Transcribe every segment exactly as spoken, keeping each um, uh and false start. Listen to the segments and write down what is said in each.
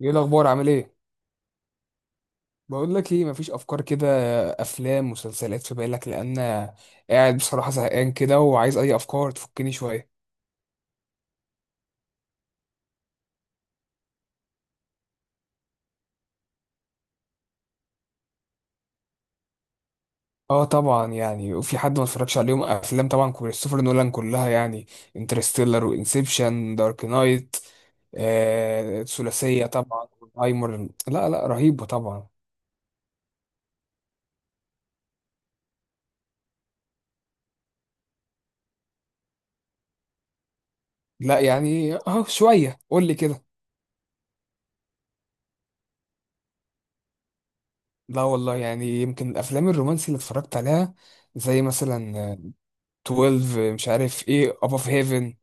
ايه الاخبار، عامل ايه؟ بقول لك ايه، مفيش افكار كده؟ افلام، مسلسلات في بالك؟ لان قاعد بصراحه زهقان كده، وعايز اي افكار تفكني شويه. اه طبعا، يعني وفي حد ما اتفرجش عليهم؟ افلام طبعا كريستوفر نولان كلها يعني، انترستيلر وانسبشن دارك نايت. آه ثلاثيه طبعا. هايمر، لا لا، رهيبه طبعا. لا يعني اه شويه، قول لي كده. لا والله، يعني يمكن الافلام الرومانسي اللي اتفرجت عليها زي مثلا twelve مش عارف ايه above heaven،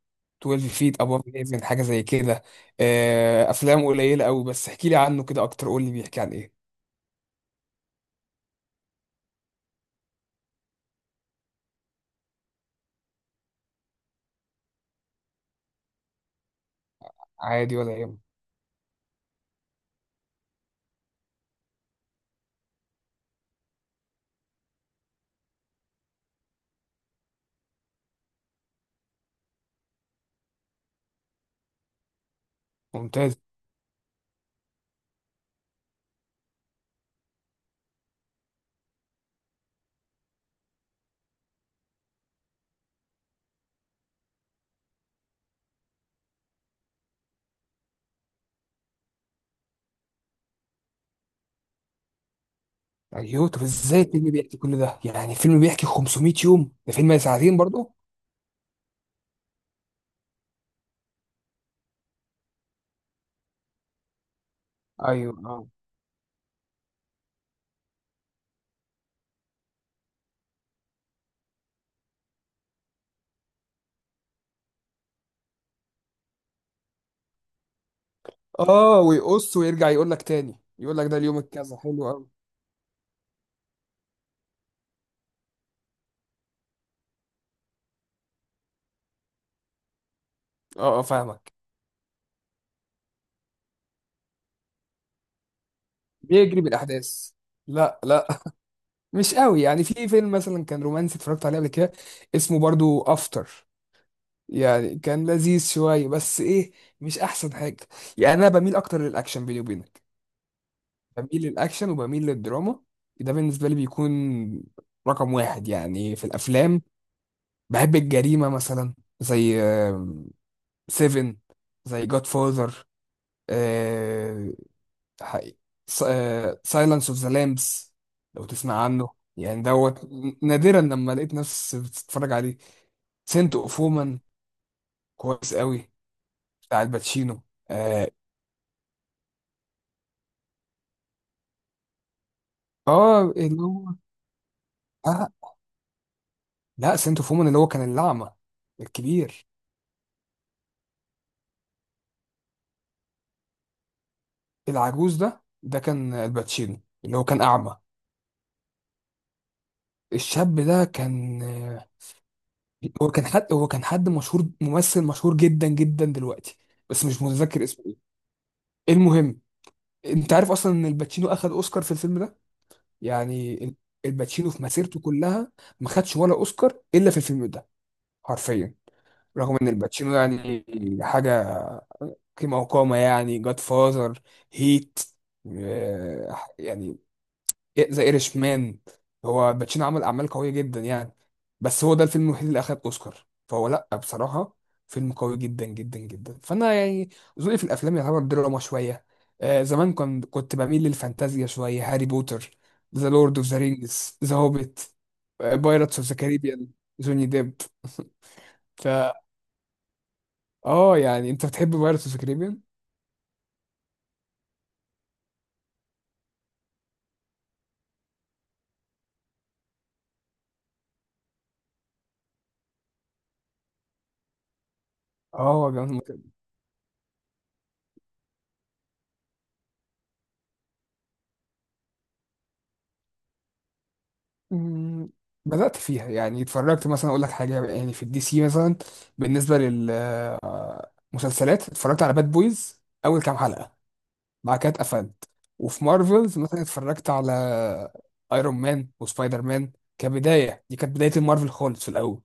twelve feet above heaven، حاجة زي كده. آه، افلام قليلة قوي، بس احكي لي عنه كده اكتر، قول لي بيحكي عن ايه. عادي، ولا يهم. ممتاز. ايوه، طب ازاي الفيلم بيحكي كل ده؟ يعني فيلم بيحكي خمسمائة يوم، ده فيلم ساعتين برضه؟ ايوه اه. اه ويقص ويرجع يقول لك تاني، يقول لك ده اليوم الكذا حلو قوي. اه اه، فاهمك. بيجري بالاحداث. لا لا مش قوي، يعني في فيلم مثلا كان رومانسي اتفرجت عليه قبل كده، اسمه برضو افتر. يعني كان لذيذ شوية، بس إيه، مش أحسن حاجة. يعني أنا بميل أكتر للأكشن بيني وبينك. بميل للأكشن، وبميل للدراما. ده بالنسبة لي بيكون رقم واحد يعني في الأفلام. بحب الجريمة مثلا، زي سيفن، زي جاد فاذر، سايلنس اوف ذا لامبس، لو تسمع عنه. يعني دوت، نادرا لما لقيت نفسي بتتفرج عليه. سنت اوف وومن، كويس قوي، بتاع الباتشينو. آه، اه اللي هو، آه لا، سنتو فومن اللي هو كان الأعمى الكبير. العجوز ده ده كان الباتشينو اللي هو كان أعمى. الشاب ده كان، آه، هو كان حد هو كان حد مشهور، ممثل مشهور جدا جدا دلوقتي، بس مش متذكر اسمه ايه. المهم، انت عارف اصلا ان الباتشينو اخد اوسكار في الفيلم ده؟ يعني ال- الباتشينو في مسيرته كلها ما خدش ولا اوسكار الا في الفيلم ده، حرفيا. رغم ان الباتشينو يعني حاجة قيمة وقامة، يعني جاد فازر، هيت، آه يعني ذا ايرش مان. هو باتشينو عمل أعمال قوية جدا يعني. بس هو ده الفيلم الوحيد اللي أخد أوسكار، فهو لأ بصراحة فيلم قوي جدا جدا جدا. فأنا يعني ذوقي في الأفلام يعتبر دراما شوية. آه زمان كنت كنت بميل للفانتازيا شوية، هاري بوتر، ذا لورد أوف ذا رينجز، ذا هوبيت، بايرتس أوف ذا كاريبيان، جوني ديب. فا اه، يعني انت بتحب بايرتس أوف ذا كاريبيان؟ اه يا جماعة. مم، بدأت فيها. يعني اتفرجت مثلا، اقول لك حاجة، يعني في الدي سي مثلا، بالنسبة للمسلسلات اتفرجت على باد بويز اول كام حلقة، بعد كده اتقفلت. وفي مارفلز مثلا اتفرجت على ايرون مان وسبايدر مان كبداية، دي كانت بداية المارفل خالص في الاول.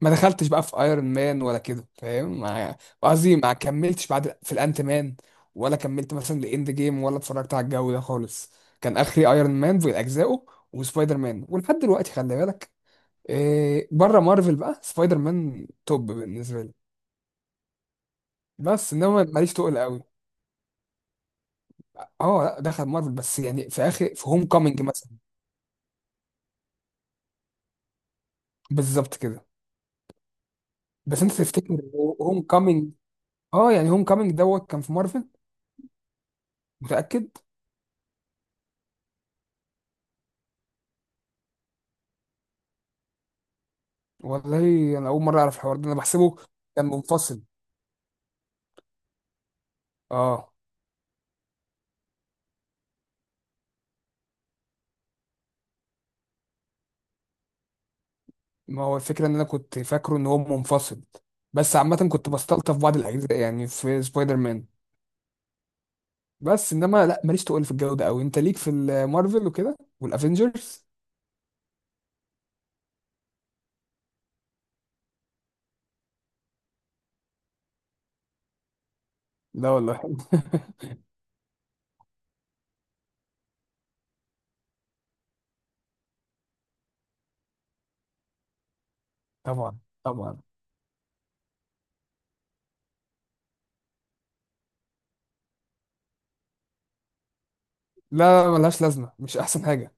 ما دخلتش بقى في ايرون مان ولا كده، فاهم؟ ما- قصدي ما كملتش بعد في الانت مان، ولا كملت مثلا لاند جيم، ولا اتفرجت على الجو ده خالص. كان اخري ايرون مان في اجزائه وسبايدر مان، ولحد دلوقتي خلي بالك، إيه، بره مارفل بقى سبايدر مان توب بالنسبه لي. بس انما ماليش تقل قوي. اه لا، دخل مارفل، بس يعني في اخر، في هوم كامينج مثلا. بالظبط كده. بس انت تفتكر هوم كامينج، اه يعني هوم كامينج دوت كان في مارفل، متاكد؟ والله انا اول مره اعرف الحوار ده، انا بحسبه كان منفصل. اه، ما هو الفكره ان انا كنت فاكره ان هو منفصل. بس عامه كنت بستلطف بعض الاجزاء يعني في سبايدر مان. بس انما لا، ماليش تقول في الجو ده قوي، انت ليك في المارفل وكده والافنجرز. لا والله طبعا، طبعا. لا لا، ملهاش لازمه، مش احسن حاجه.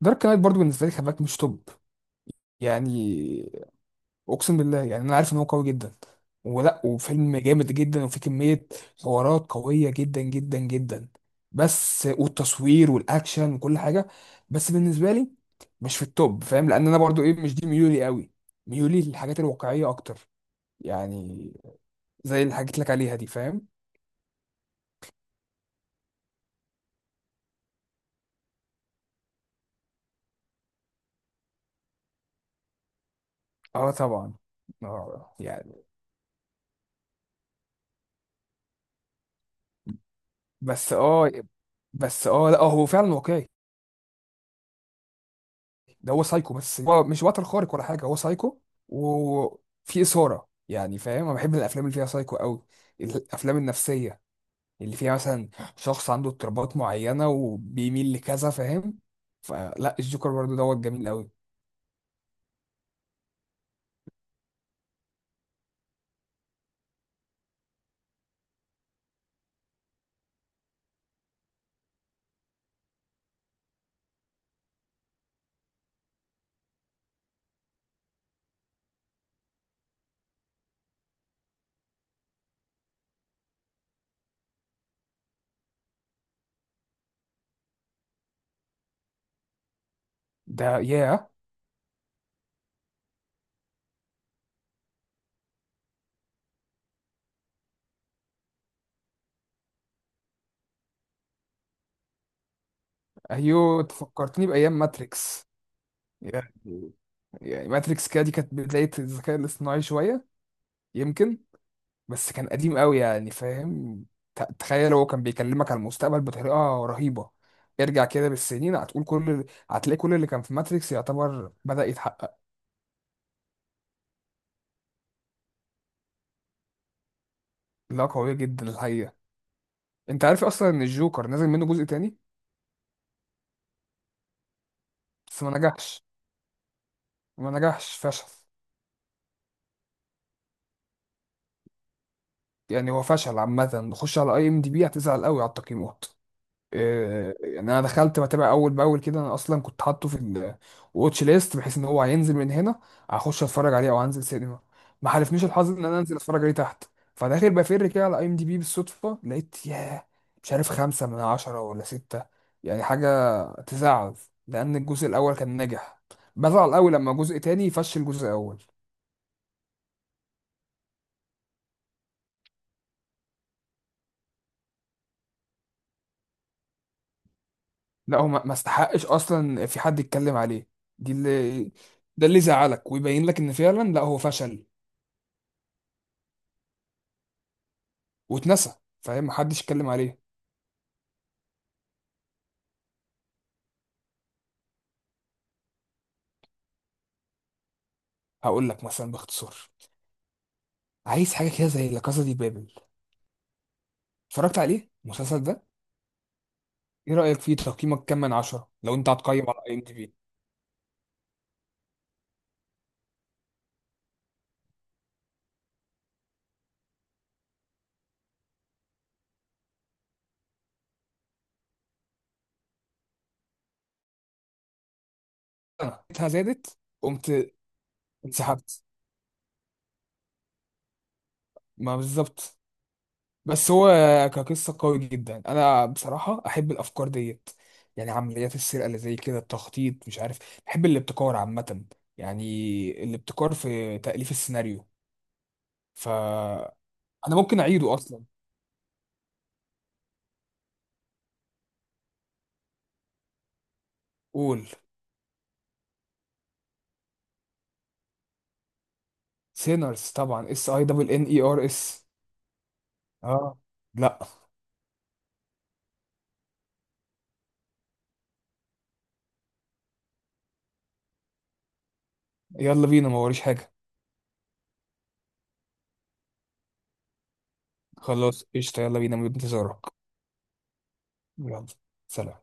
دارك نايت برضو بالنسبه لي خباك مش توب، يعني اقسم بالله، يعني انا عارف ان هو قوي جدا، ولا وفيلم جامد جدا، وفيه كميه حوارات قويه جدا جدا جدا، بس والتصوير والاكشن وكل حاجه، بس بالنسبه لي مش في التوب، فاهم؟ لان انا برضو ايه، مش دي ميولي قوي. ميولي للحاجات الواقعيه اكتر يعني، زي اللي حكيت لك عليها دي، فاهم؟ اه طبعا. اه يعني بس اه بس اه لا هو فعلا واقعي. ده هو سايكو، بس هو مش بطل خارق ولا حاجه، هو سايكو. وفي اثاره يعني، فاهم؟ انا بحب الافلام اللي فيها سايكو قوي، الافلام النفسيه اللي فيها مثلا شخص عنده اضطرابات معينه وبيميل لكذا، فاهم؟ فلا الجوكر برضه دوت جميل قوي. ده ياه. ايوه، تفكرتني بايام ماتريكس. يعني يعني ماتريكس كده، دي كانت بدايه الذكاء الاصطناعي شويه يمكن. بس كان قديم قوي يعني، فاهم؟ ت- تخيل هو كان بيكلمك على المستقبل بطريقة رهيبة. ارجع كده بالسنين، هتقول كل، هتلاقي كل اللي كان في ماتريكس يعتبر بدأ يتحقق. لا قوية جدا الحقيقة. انت عارف اصلا ان الجوكر نازل منه جزء تاني؟ بس ما نجحش، ما نجحش، فشل. يعني هو فشل عامة، خش على اي ام دي بي هتزعل قوي على التقييمات. آه، يعني انا دخلت بتابع اول باول كده، انا اصلا كنت حاطه في الواتش ليست بحيث ان هو هينزل من هنا هخش اتفرج عليه، او هنزل سينما. ما حالفنيش الحظ ان انا انزل اتفرج عليه تحت، فداخل بفر كده على اي ام دي بي بالصدفه، لقيت ياه مش عارف خمسة من عشرة ولا ستة، يعني حاجة تزعل، لأن الجزء الأول كان ناجح. بزعل أوي لما جزء تاني يفشل جزء أول. لا هو ما ما استحقش أصلا في حد يتكلم عليه. دي اللي ده اللي يزعلك ويبين لك إن فعلا لا هو فشل، واتنسى، فاهم؟ محدش اتكلم عليه. هقول لك مثلا باختصار، عايز حاجه كده زي لا كاسا دي بابل، اتفرجت عليه المسلسل ده؟ ايه رايك فيه، تقييمك كام من عشرة لو انت هتقيم على اي ام دي بي؟ انا قيمتها زادت، قمت، انسحبت، ما بالظبط. بس هو كقصه قوي جدا. انا بصراحه احب الافكار ديت، يعني عمليات السرقه اللي زي كده، التخطيط، مش عارف، بحب الابتكار عامه يعني، الابتكار في تاليف السيناريو. فانا ممكن اعيده اصلا. قول. سينرز طبعا، اس اي دبل ان اي ار اس. اه لا. يلا بينا، ما وريش حاجه. خلاص قشطه، يلا بينا، من انتظارك. يلا، سلام.